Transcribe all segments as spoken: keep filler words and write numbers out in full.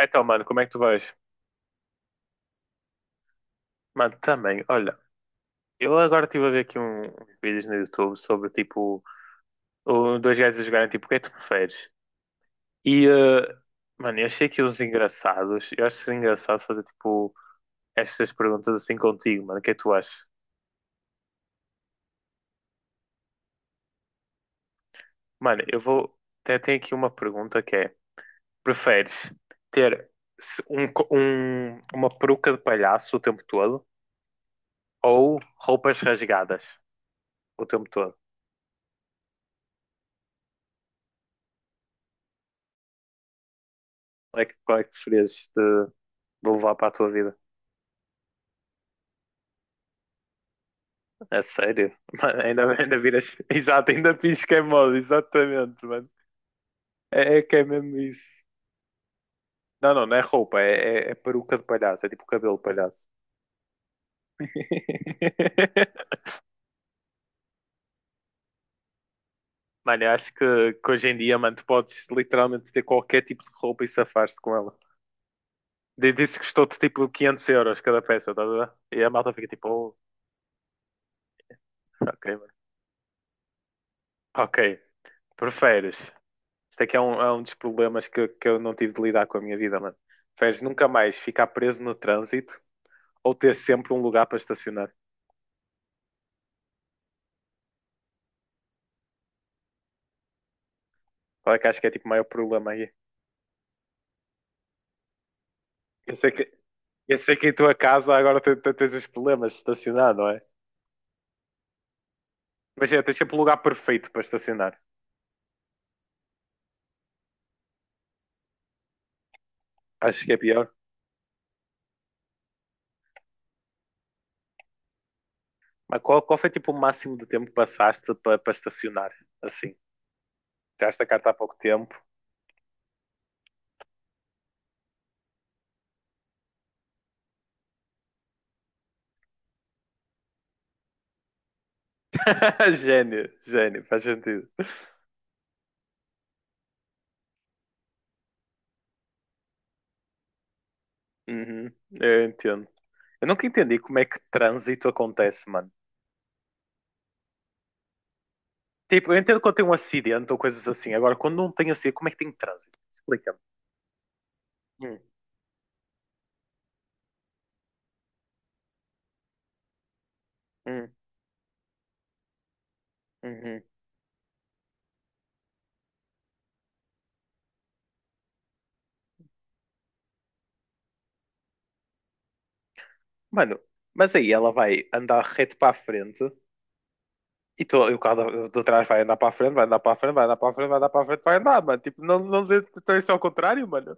Então, mano, como é que tu vais? Mano, também, olha, eu agora estive a ver aqui um- uns vídeos no YouTube sobre tipo o- dois gajos a jogarem tipo o que é que tu preferes? E eh, mano, eu achei aqui uns engraçados. Eu acho que seria engraçado fazer tipo estas perguntas assim contigo, mano. O que é que tu achas? Mano, eu vou. Até tenho aqui uma pergunta que é: preferes ter se- um, co- um- uma peruca de palhaço o tempo todo ou roupas rasgadas o tempo todo? Como é que, qual é que preferias de, de levar para a tua vida? É sério? Mano, ainda, ainda viras. Exato, ainda finges que é moda, exatamente, mano. É, é que é mesmo isso. Não, não, não é roupa, é, é, é peruca de palhaço, é tipo cabelo de palhaço. Mano, eu acho que, que hoje em dia, mano, tu podes literalmente ter qualquer tipo de roupa e safar-te com ela. D- Disse que custou-te tipo quinhentos euros cada peça, estás a ver? E a malta fica tipo, oh, ok, mano. Ok, preferes. Isto é que é um, é um dos problemas que, que eu não tive de lidar com a minha vida, mano. Preferes nunca mais ficar preso no trânsito ou ter sempre um lugar para estacionar. Qual é que acho que é tipo o maior problema aí? Eu sei que, eu sei que em tua casa agora te- te- tens os problemas de estacionar, não é? Imagina, tens sempre o lugar perfeito para estacionar. Acho que é pior. Mas qual, qual foi tipo o máximo de tempo que passaste para, para estacionar? Assim, tiraste a carta há pouco tempo. Gênio, gênio, faz sentido. Uhum, eu entendo. Eu nunca entendi como é que trânsito acontece, mano. Tipo, eu entendo quando tem um acidente ou coisas assim. Agora, quando não tem acidente, como é que tem trânsito? Explica-me. Hum, hum. Uhum. Mano, mas aí ela vai andar reto para a frente e, to- e o carro de de trás vai andar para a frente, vai andar para a frente, vai andar para a frente, vai andar para a frente, vai andar, mano. Tipo, não, não dê então isso é ao contrário, mano.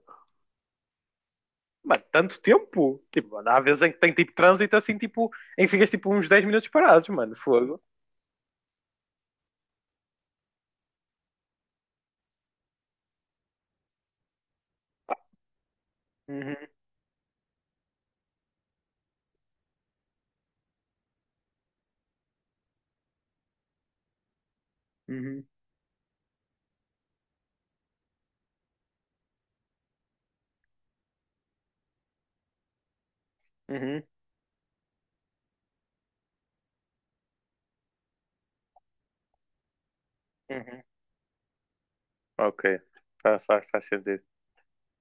Mano, tanto tempo. Tipo, mano, há vezes em que tem tipo trânsito assim, tipo, em que ficas tipo uns dez minutos parados, mano. Fogo. Uhum, uhum, uhum, uhum. Ok, faz, faz, faz sentido.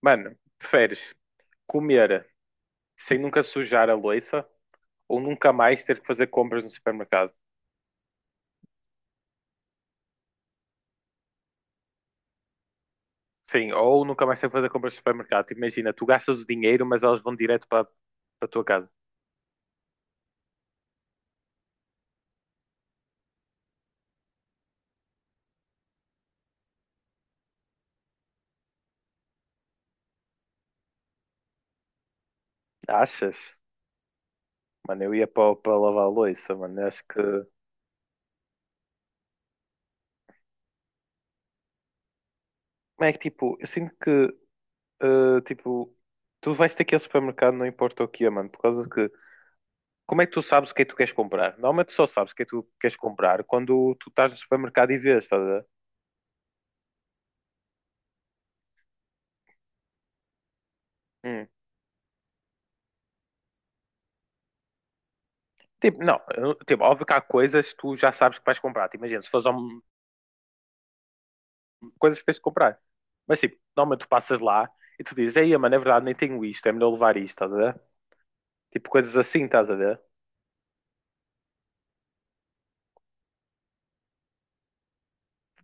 Mano, preferes comer sem nunca sujar a louça ou nunca mais ter que fazer compras no supermercado? Sim, ou nunca mais tem que fazer compras de supermercado. Tipo, Imagina, tu gastas o dinheiro, mas elas vão direto para a tua casa. Achas? Mano, eu ia para, para lavar a louça, mano. Eu acho que. Como é que tipo, eu sinto que eh, tipo, tu vais ter que ir ao supermercado, não importa o que é, mano, por causa que. Como é que tu sabes o que é que tu queres comprar? Normalmente tu só sabes o que é que tu queres comprar quando tu estás no supermercado e vês, estás a ver? Hum. Tipo, não, eu- tipo, óbvio que há coisas que tu já sabes que vais comprar. Tipo, Imagina, se fores ao coisas que tens de comprar. Mas tipo, normalmente tu passas lá e tu dizes, ei, mano, é verdade, nem tenho isto, é melhor levar isto, estás a ver? Tipo, coisas assim, estás a ver?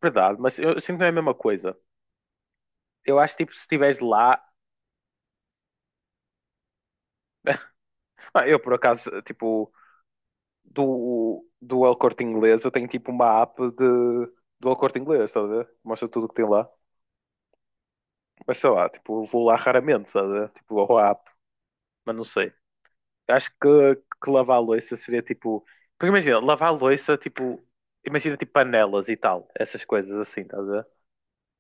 Verdade, mas eu eu sinto que não é a mesma coisa. Eu acho tipo, se estiveres lá. Ah, eu por acaso, tipo, do, do El Corte Inglês, eu tenho tipo uma app de, do El Corte Inglês, estás a ver? Mostra tudo o que tem lá. Mas sei lá, tipo, eu vou lá raramente, estás a ver? Tipo, a app, mas não sei. Eu acho que, que lavar a louça seria tipo. Porque imagina, lavar a louça, tipo. Imagina tipo panelas e tal, essas coisas assim, estás a ver?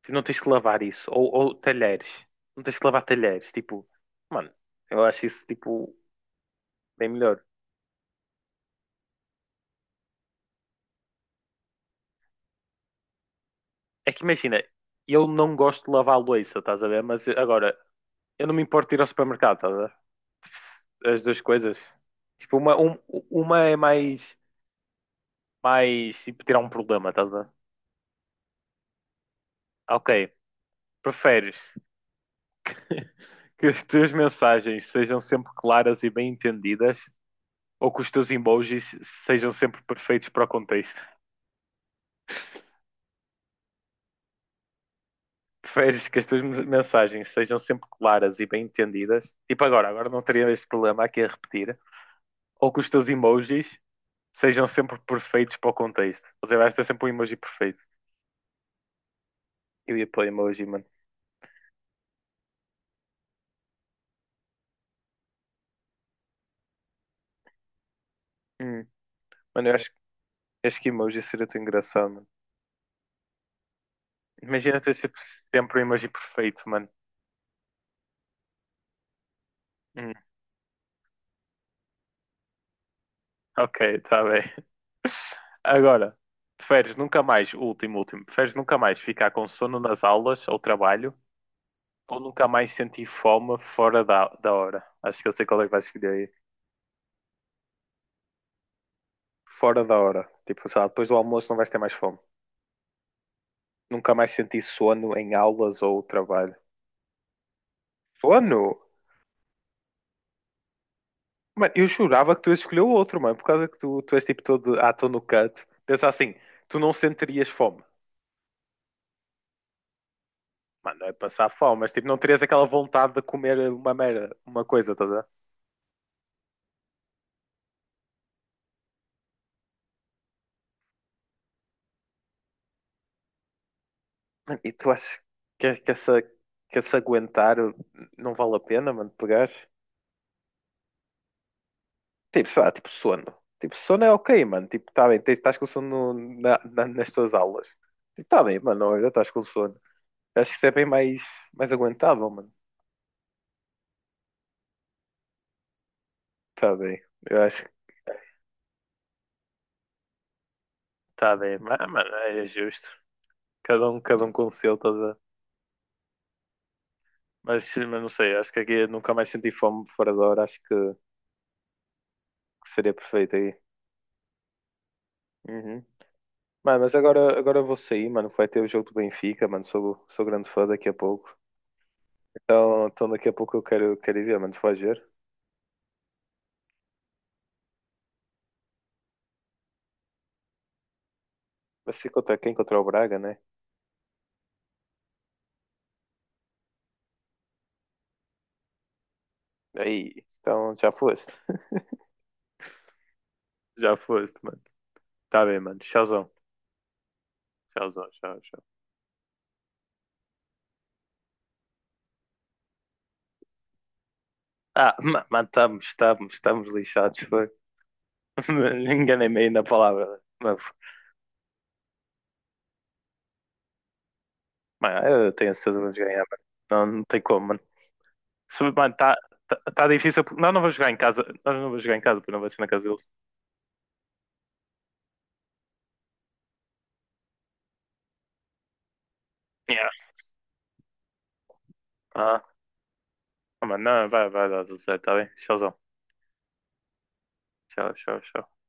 Tipo, não tens que lavar isso. Ou, ou talheres. Não tens que lavar talheres. Tipo, mano, eu acho isso tipo bem melhor. É que imagina, eu não gosto de lavar a louça, estás a ver? Mas agora, eu não me importo de ir ao supermercado, estás a ver? Tipo, se- as duas coisas. Tipo, uma, um- uma é mais, mais tipo tirar um problema, estás a ver? Ah, ok, preferes que as tuas mensagens sejam sempre claras e bem entendidas ou que os teus emojis sejam sempre perfeitos para o contexto? Preferes que as tuas mensagens sejam sempre claras e bem entendidas? Tipo agora, agora não teria este problema aqui a repetir. Ou que os teus emojis sejam sempre perfeitos para o contexto. Ou seja, vais ter sempre um emoji perfeito. Eu ia para o emoji, mano. Hum. Mano, eu acho, acho que emoji seria tão engraçado, mano. Imagina ter sempre sempre um emoji perfeito, mano. Hum. Ok, está bem. Agora, preferes nunca mais, último, último, preferes nunca mais ficar com sono nas aulas ou trabalho ou nunca mais sentir fome fora da, da hora? Acho que eu sei qual é que vais escolher aí. Fora da hora. Tipo, sei lá, depois do almoço não vais ter mais fome. Nunca mais sentir sono em aulas ou trabalho. Sono? Mano, eu jurava que tu ias escolher o outro, mano, por causa que tu, tu és tipo todo, ah, estou no cut. Pensa assim, tu não sentirias fome. Mano, não é passar fome, mas tipo, não terias aquela vontade de comer uma merda, uma coisa, toda mano, e tu achas que, é- que, essa, que essa aguentar não vale a pena, mano, pegar? Tipo, sei lá, tipo sono. Tipo, sono é ok, mano. Tipo, tá bem, tens- estás com sono no- na- na- nas tuas aulas. Tipo, tá bem, mano, olha, estás com sono. Acho que isso é bem mais, mais aguentável, mano. Tá bem, eu acho que tá bem, mas, mano, é justo. Cada um, cada um com o seu, tá a Mas, mas não sei, acho que aqui eu nunca mais senti fome fora da hora, acho que. Que seria perfeito aí. Uhum. Mano, mas agora, agora eu vou sair, mano. Vai ter o jogo do Benfica, mano. Sou, sou grande fã daqui a pouco. Então, então daqui a pouco eu quero, quero ir ver, mano. Se faz ver. Assim contra quem? Contra o Braga, né? Aí, então já foste. Já foste, mano. Tá bem, mano. Tchauzão. Tchauzão, tchau, tchau. Ah, ma- mano, estamos, estamos, estamos lixados, foi. Enganei-me aí na palavra. Mas, mano, eu tenho certeza de ganhar, mano. Não, não tem como, se, mano, tá, tá, tá difícil. Porque nós não vamos jogar em casa. Nós não vamos jogar em casa, porque não vai ser na casa deles. Yeah. Ah, mano, não, vai, vai dar tudo certo, tá bem? Tchauzão. Tchau, tchau, tchau.